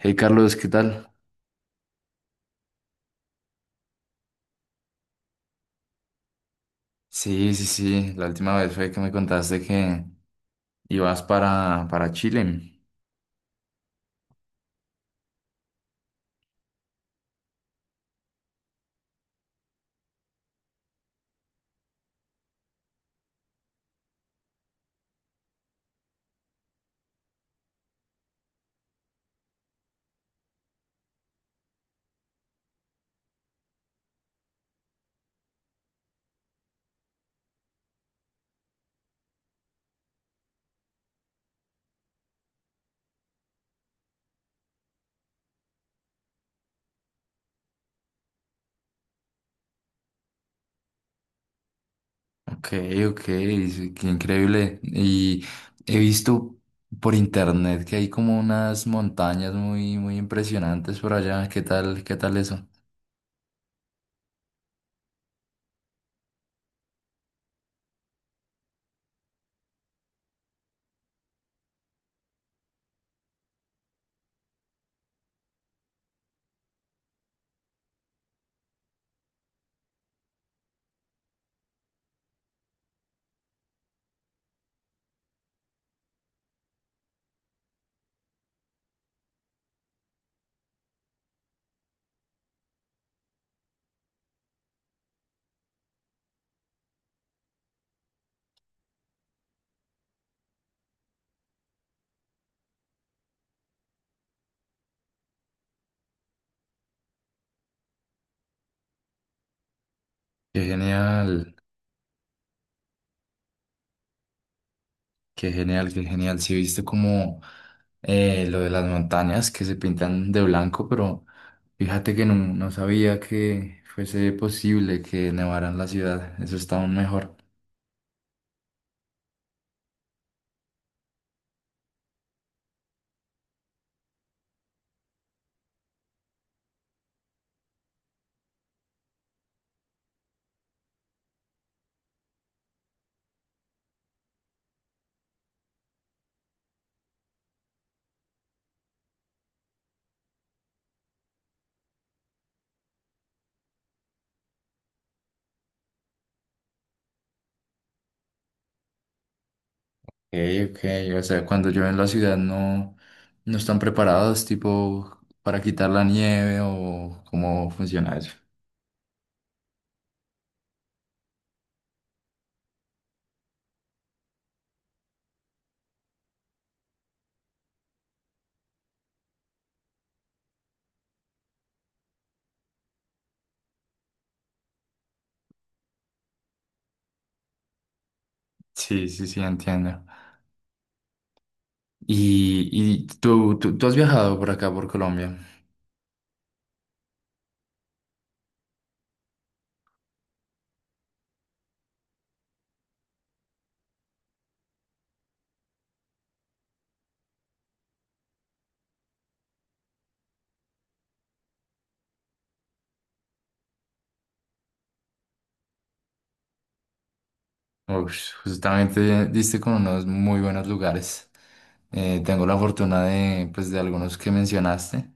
Hey Carlos, ¿qué tal? Sí, sí, sí, la última vez fue que me contaste que ibas para Chile. Ok, ok, sí, qué increíble. Y he visto por internet que hay como unas montañas muy, muy impresionantes por allá. Qué tal eso? Qué genial. Qué genial, qué genial. Sí, viste como lo de las montañas que se pintan de blanco, pero fíjate que no sabía que fuese posible que nevaran la ciudad. Eso está aún mejor. Ok, ok. O sea, cuando llueve en la ciudad no están preparados, tipo, para quitar la nieve o cómo funciona eso. Sí, sí, sí, entiendo. ¿Y, y tú has viajado por acá, por Colombia? Uf, justamente diste con unos muy buenos lugares. Tengo la fortuna de, pues, de algunos que mencionaste.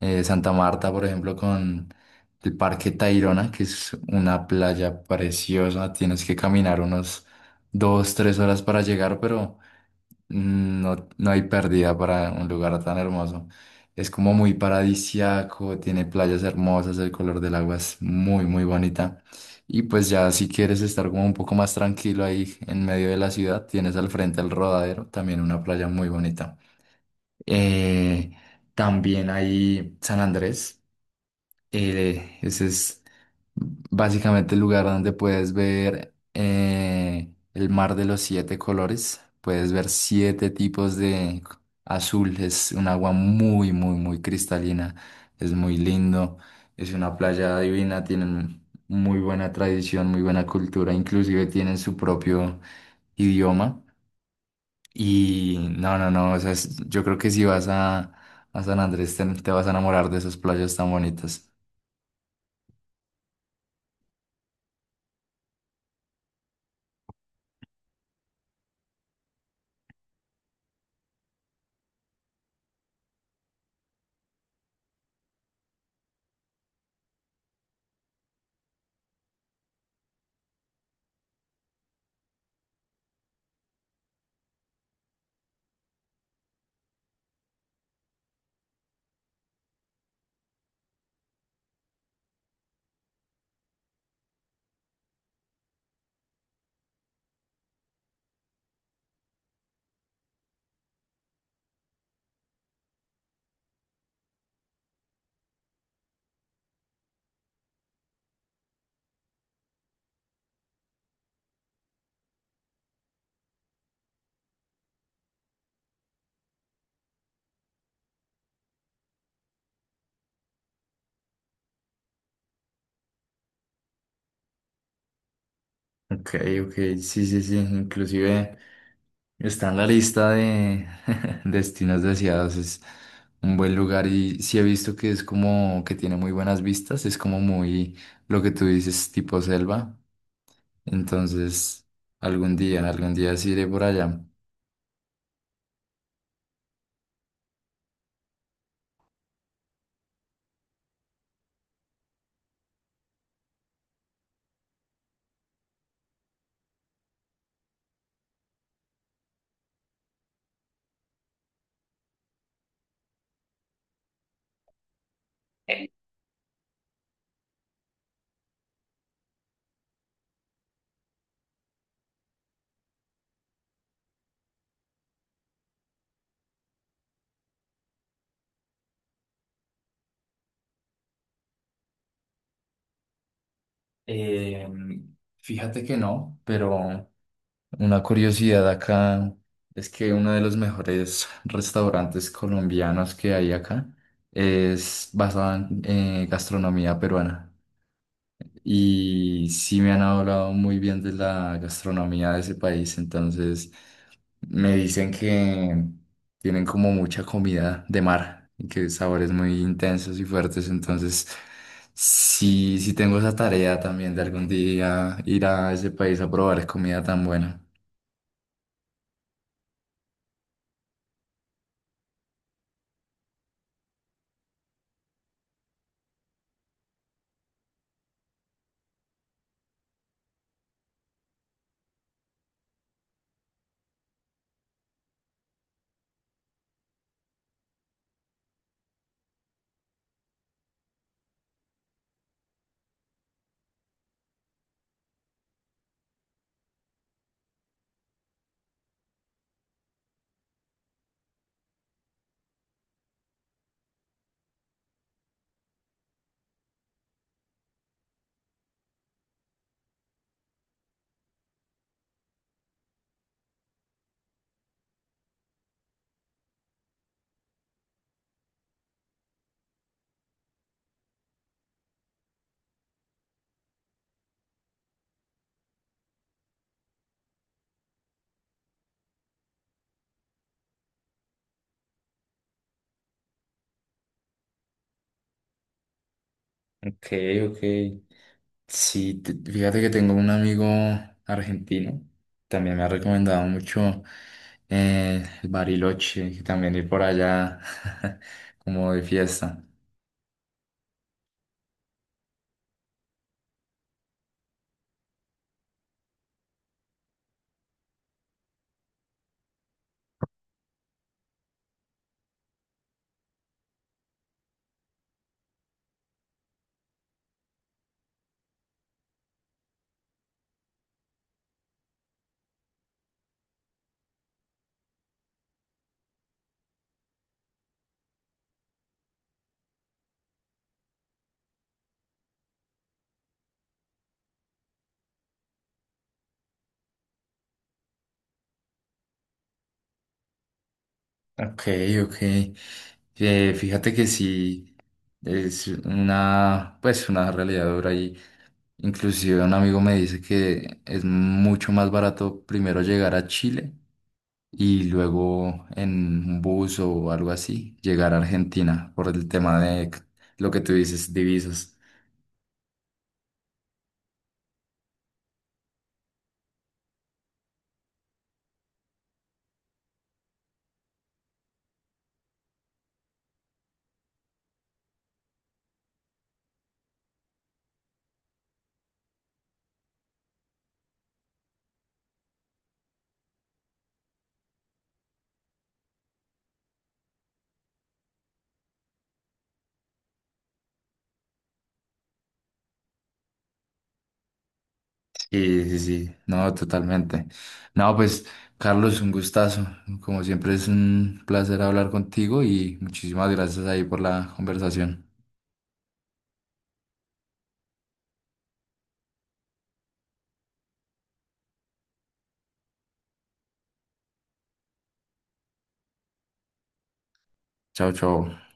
Santa Marta, por ejemplo, con el Parque Tayrona, que es una playa preciosa. Tienes que caminar unos dos, tres horas para llegar, pero no hay pérdida para un lugar tan hermoso. Es como muy paradisiaco, tiene playas hermosas, el color del agua es muy, muy bonita. Y pues ya si quieres estar como un poco más tranquilo ahí en medio de la ciudad, tienes al frente el Rodadero, también una playa muy bonita. Eh, También hay San Andrés. Ese es básicamente el lugar donde puedes ver el mar de los siete colores. Puedes ver siete tipos de azul. Es un agua muy, muy, muy cristalina. Es muy lindo. Es una playa divina. Tienen muy buena tradición, muy buena cultura. Inclusive tienen su propio idioma. Y no, no, no, o sea, es- yo creo que si vas a San Andrés te, te vas a enamorar de esas playas tan bonitas. Ok, ok, sí, sí, sí, inclusive está en la lista de destinos deseados, es un buen lugar y sí he visto que es como que tiene muy buenas vistas, es como muy lo que tú dices, tipo selva, entonces algún día sí iré por allá. Eh, Fíjate que no, pero... Una curiosidad acá es que uno de los mejores restaurantes colombianos que hay acá es basado en gastronomía peruana. Y sí me han hablado muy bien de la gastronomía de ese país, entonces me dicen que tienen como mucha comida de mar y que sabores muy intensos y fuertes, entonces sí, sí tengo esa tarea también de algún día ir a ese país a probar comida tan buena. Ok, ok. Sí, te- fíjate que tengo un amigo argentino. También me ha recomendado mucho el Bariloche, que también ir por allá como de fiesta. Ok, ok. Fíjate que sí, es una, pues una realidad dura y inclusive un amigo me dice que es mucho más barato primero llegar a Chile y luego en un bus o algo así llegar a Argentina por el tema de c- lo que tú dices, divisas. Sí, sí, sí, no, totalmente. No, pues Carlos, un gustazo. Como siempre es un placer hablar contigo y muchísimas gracias ahí por la conversación. Chao, chao.